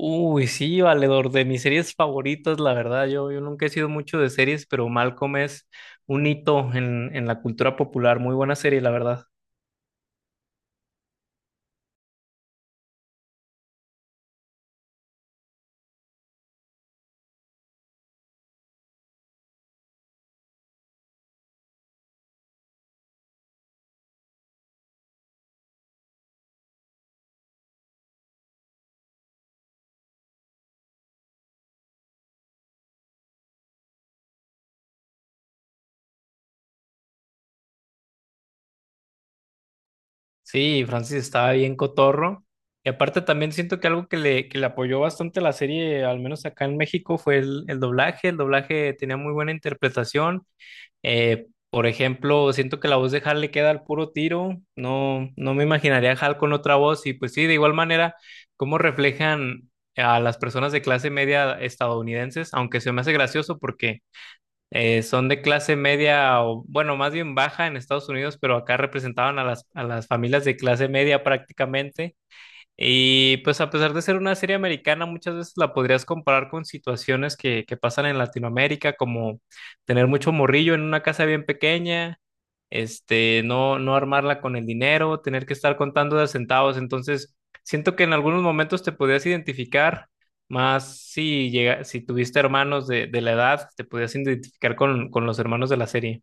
Uy, sí, valedor, de mis series favoritas, la verdad, yo nunca he sido mucho de series, pero Malcolm es un hito en la cultura popular, muy buena serie, la verdad. Sí, Francis estaba bien cotorro. Y aparte también siento que algo que le apoyó bastante la serie, al menos acá en México, fue el doblaje. El doblaje tenía muy buena interpretación. Por ejemplo, siento que la voz de Hal le queda al puro tiro. No me imaginaría a Hal con otra voz. Y pues sí, de igual manera, cómo reflejan a las personas de clase media estadounidenses, aunque se me hace gracioso porque son de clase media, o bueno, más bien baja en Estados Unidos, pero acá representaban a las familias de clase media prácticamente. Y pues a pesar de ser una serie americana, muchas veces la podrías comparar con situaciones que pasan en Latinoamérica, como tener mucho morrillo en una casa bien pequeña, este, no armarla con el dinero, tener que estar contando de centavos. Entonces, siento que en algunos momentos te podías identificar, más si llega, si tuviste hermanos de la edad, te podías identificar con los hermanos de la serie.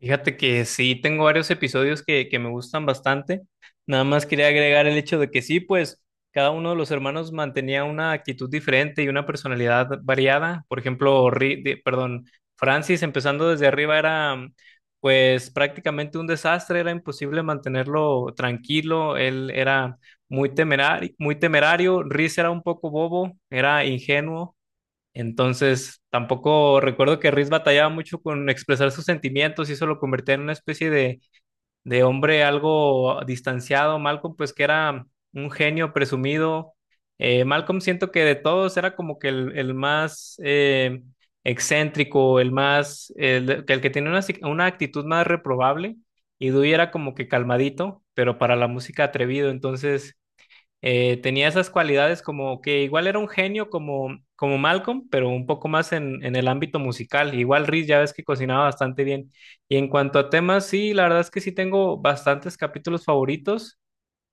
Fíjate que sí, tengo varios episodios que me gustan bastante. Nada más quería agregar el hecho de que sí, pues cada uno de los hermanos mantenía una actitud diferente y una personalidad variada. Por ejemplo, perdón, Francis empezando desde arriba era pues prácticamente un desastre, era imposible mantenerlo tranquilo, él era muy temerario, muy temerario. Riz era un poco bobo, era ingenuo. Entonces, tampoco recuerdo que Riz batallaba mucho con expresar sus sentimientos y eso lo convertía en una especie de hombre algo distanciado. Malcolm, pues, que era un genio presumido. Malcolm siento que de todos era como que el más excéntrico, el más, el que tenía una, una actitud más reprobable. Y Dewey era como que calmadito, pero para la música atrevido. Entonces, tenía esas cualidades como que igual era un genio como, como Malcolm, pero un poco más en el ámbito musical. Igual Riz ya ves que cocinaba bastante bien. Y en cuanto a temas, sí, la verdad es que sí tengo bastantes capítulos favoritos.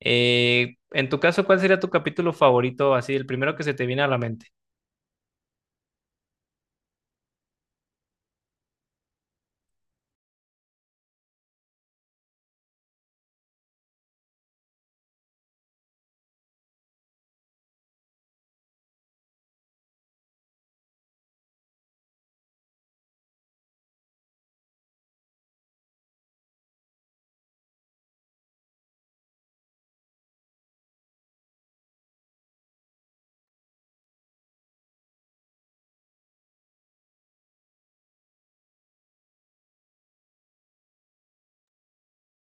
En tu caso, ¿cuál sería tu capítulo favorito? Así, el primero que se te viene a la mente.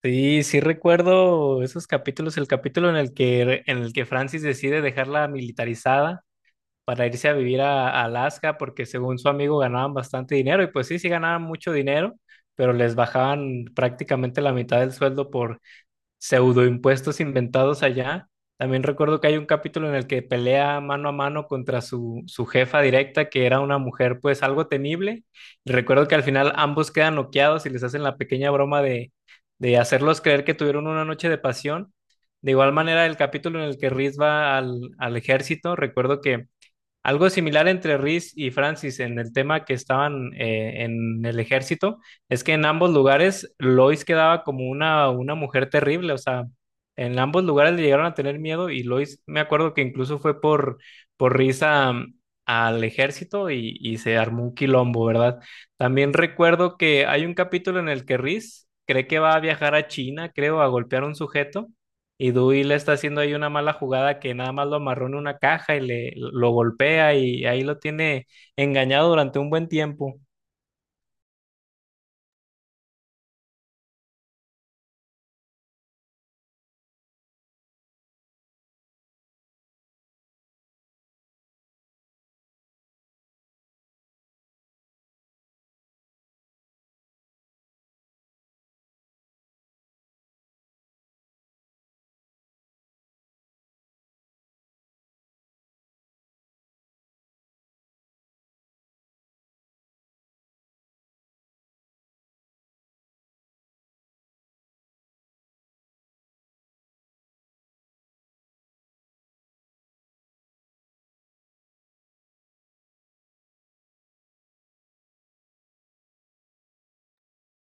Sí, sí recuerdo esos capítulos, el capítulo en el que Francis decide dejarla militarizada para irse a vivir a Alaska porque según su amigo ganaban bastante dinero y pues sí, sí ganaban mucho dinero, pero les bajaban prácticamente la mitad del sueldo por pseudoimpuestos inventados allá. También recuerdo que hay un capítulo en el que pelea mano a mano contra su, su jefa directa, que era una mujer pues algo temible. Y recuerdo que al final ambos quedan noqueados y les hacen la pequeña broma de hacerlos creer que tuvieron una noche de pasión. De igual manera, el capítulo en el que Riz va al, al ejército, recuerdo que algo similar entre Reese y Francis en el tema que estaban en el ejército, es que en ambos lugares Lois quedaba como una mujer terrible, o sea, en ambos lugares le llegaron a tener miedo y Lois, me acuerdo que incluso fue por Reese al ejército y se armó un quilombo, ¿verdad? También recuerdo que hay un capítulo en el que Reese cree que va a viajar a China, creo, a golpear a un sujeto. Y Dewey le está haciendo ahí una mala jugada, que nada más lo amarró en una caja y le lo golpea y ahí lo tiene engañado durante un buen tiempo.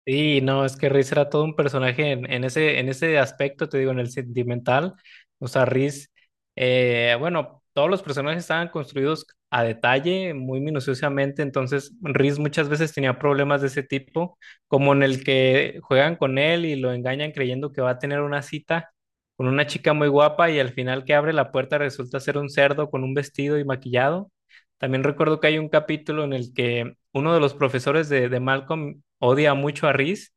Sí, no, es que Riz era todo un personaje en ese aspecto, te digo, en el sentimental. O sea, Riz, bueno, todos los personajes estaban construidos a detalle, muy minuciosamente, entonces Riz muchas veces tenía problemas de ese tipo, como en el que juegan con él y lo engañan creyendo que va a tener una cita con una chica muy guapa y al final que abre la puerta resulta ser un cerdo con un vestido y maquillado. También recuerdo que hay un capítulo en el que uno de los profesores de Malcolm odia mucho a Reese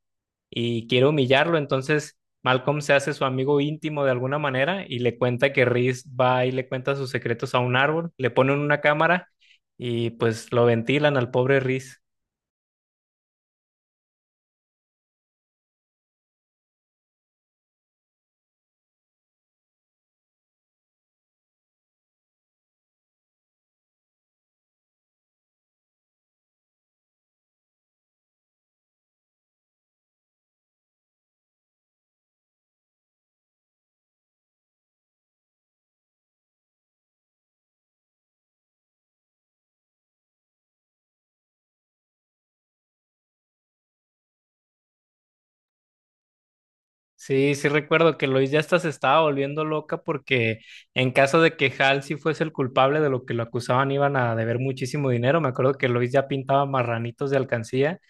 y quiere humillarlo, entonces Malcolm se hace su amigo íntimo de alguna manera y le cuenta que Reese va y le cuenta sus secretos a un árbol, le ponen una cámara y pues lo ventilan al pobre Reese. Sí, sí recuerdo que Lois ya hasta se estaba volviendo loca porque en caso de que Hal sí fuese el culpable de lo que lo acusaban iban a deber muchísimo dinero. Me acuerdo que Lois ya pintaba marranitos de alcancía.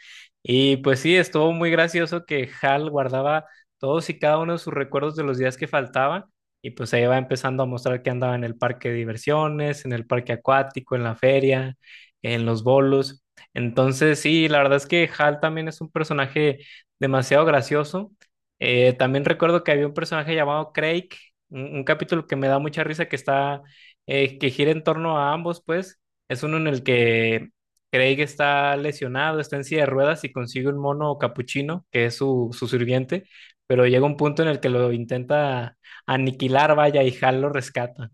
Y pues sí, estuvo muy gracioso que Hal guardaba todos y cada uno de sus recuerdos de los días que faltaban y pues ahí va empezando a mostrar que andaba en el parque de diversiones, en el parque acuático, en la feria, en los bolos. Entonces sí, la verdad es que Hal también es un personaje demasiado gracioso. También recuerdo que había un personaje llamado Craig, un capítulo que me da mucha risa que está, que gira en torno a ambos, pues. Es uno en el que Craig está lesionado, está en silla de ruedas y consigue un mono capuchino, que es su, su sirviente, pero llega un punto en el que lo intenta aniquilar, vaya, y Hal lo rescata.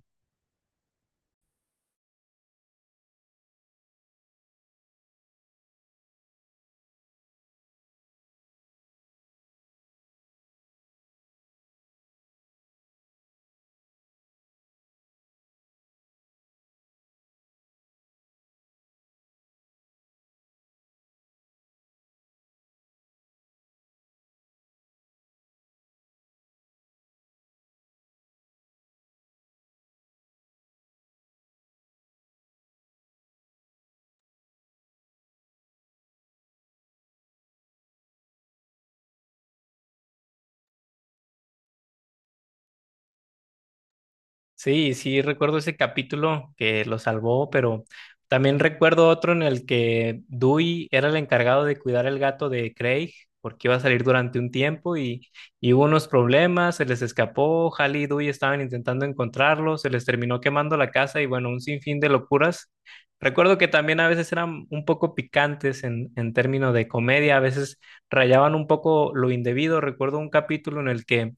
Sí, sí, recuerdo ese capítulo que lo salvó, pero también recuerdo otro en el que Dewey era el encargado de cuidar el gato de Craig, porque iba a salir durante un tiempo y hubo unos problemas, se les escapó, Hal y Dewey estaban intentando encontrarlo, se les terminó quemando la casa y bueno, un sinfín de locuras. Recuerdo que también a veces eran un poco picantes en términos de comedia, a veces rayaban un poco lo indebido. Recuerdo un capítulo en el que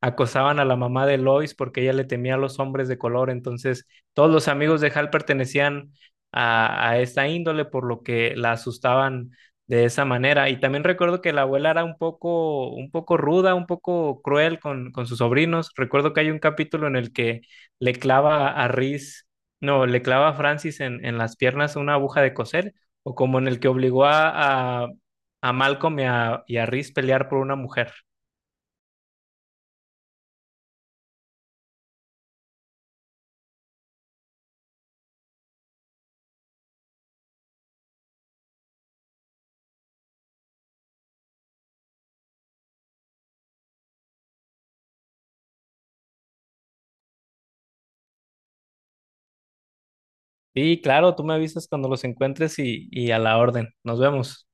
acosaban a la mamá de Lois porque ella le temía a los hombres de color. Entonces, todos los amigos de Hal pertenecían a esta índole, por lo que la asustaban de esa manera. Y también recuerdo que la abuela era un poco ruda, un poco cruel con sus sobrinos. Recuerdo que hay un capítulo en el que le clava a Riz, no, le clava a Francis en las piernas una aguja de coser, o como en el que obligó a Malcolm y a Riz pelear por una mujer. Sí, claro, tú me avisas cuando los encuentres y a la orden. Nos vemos.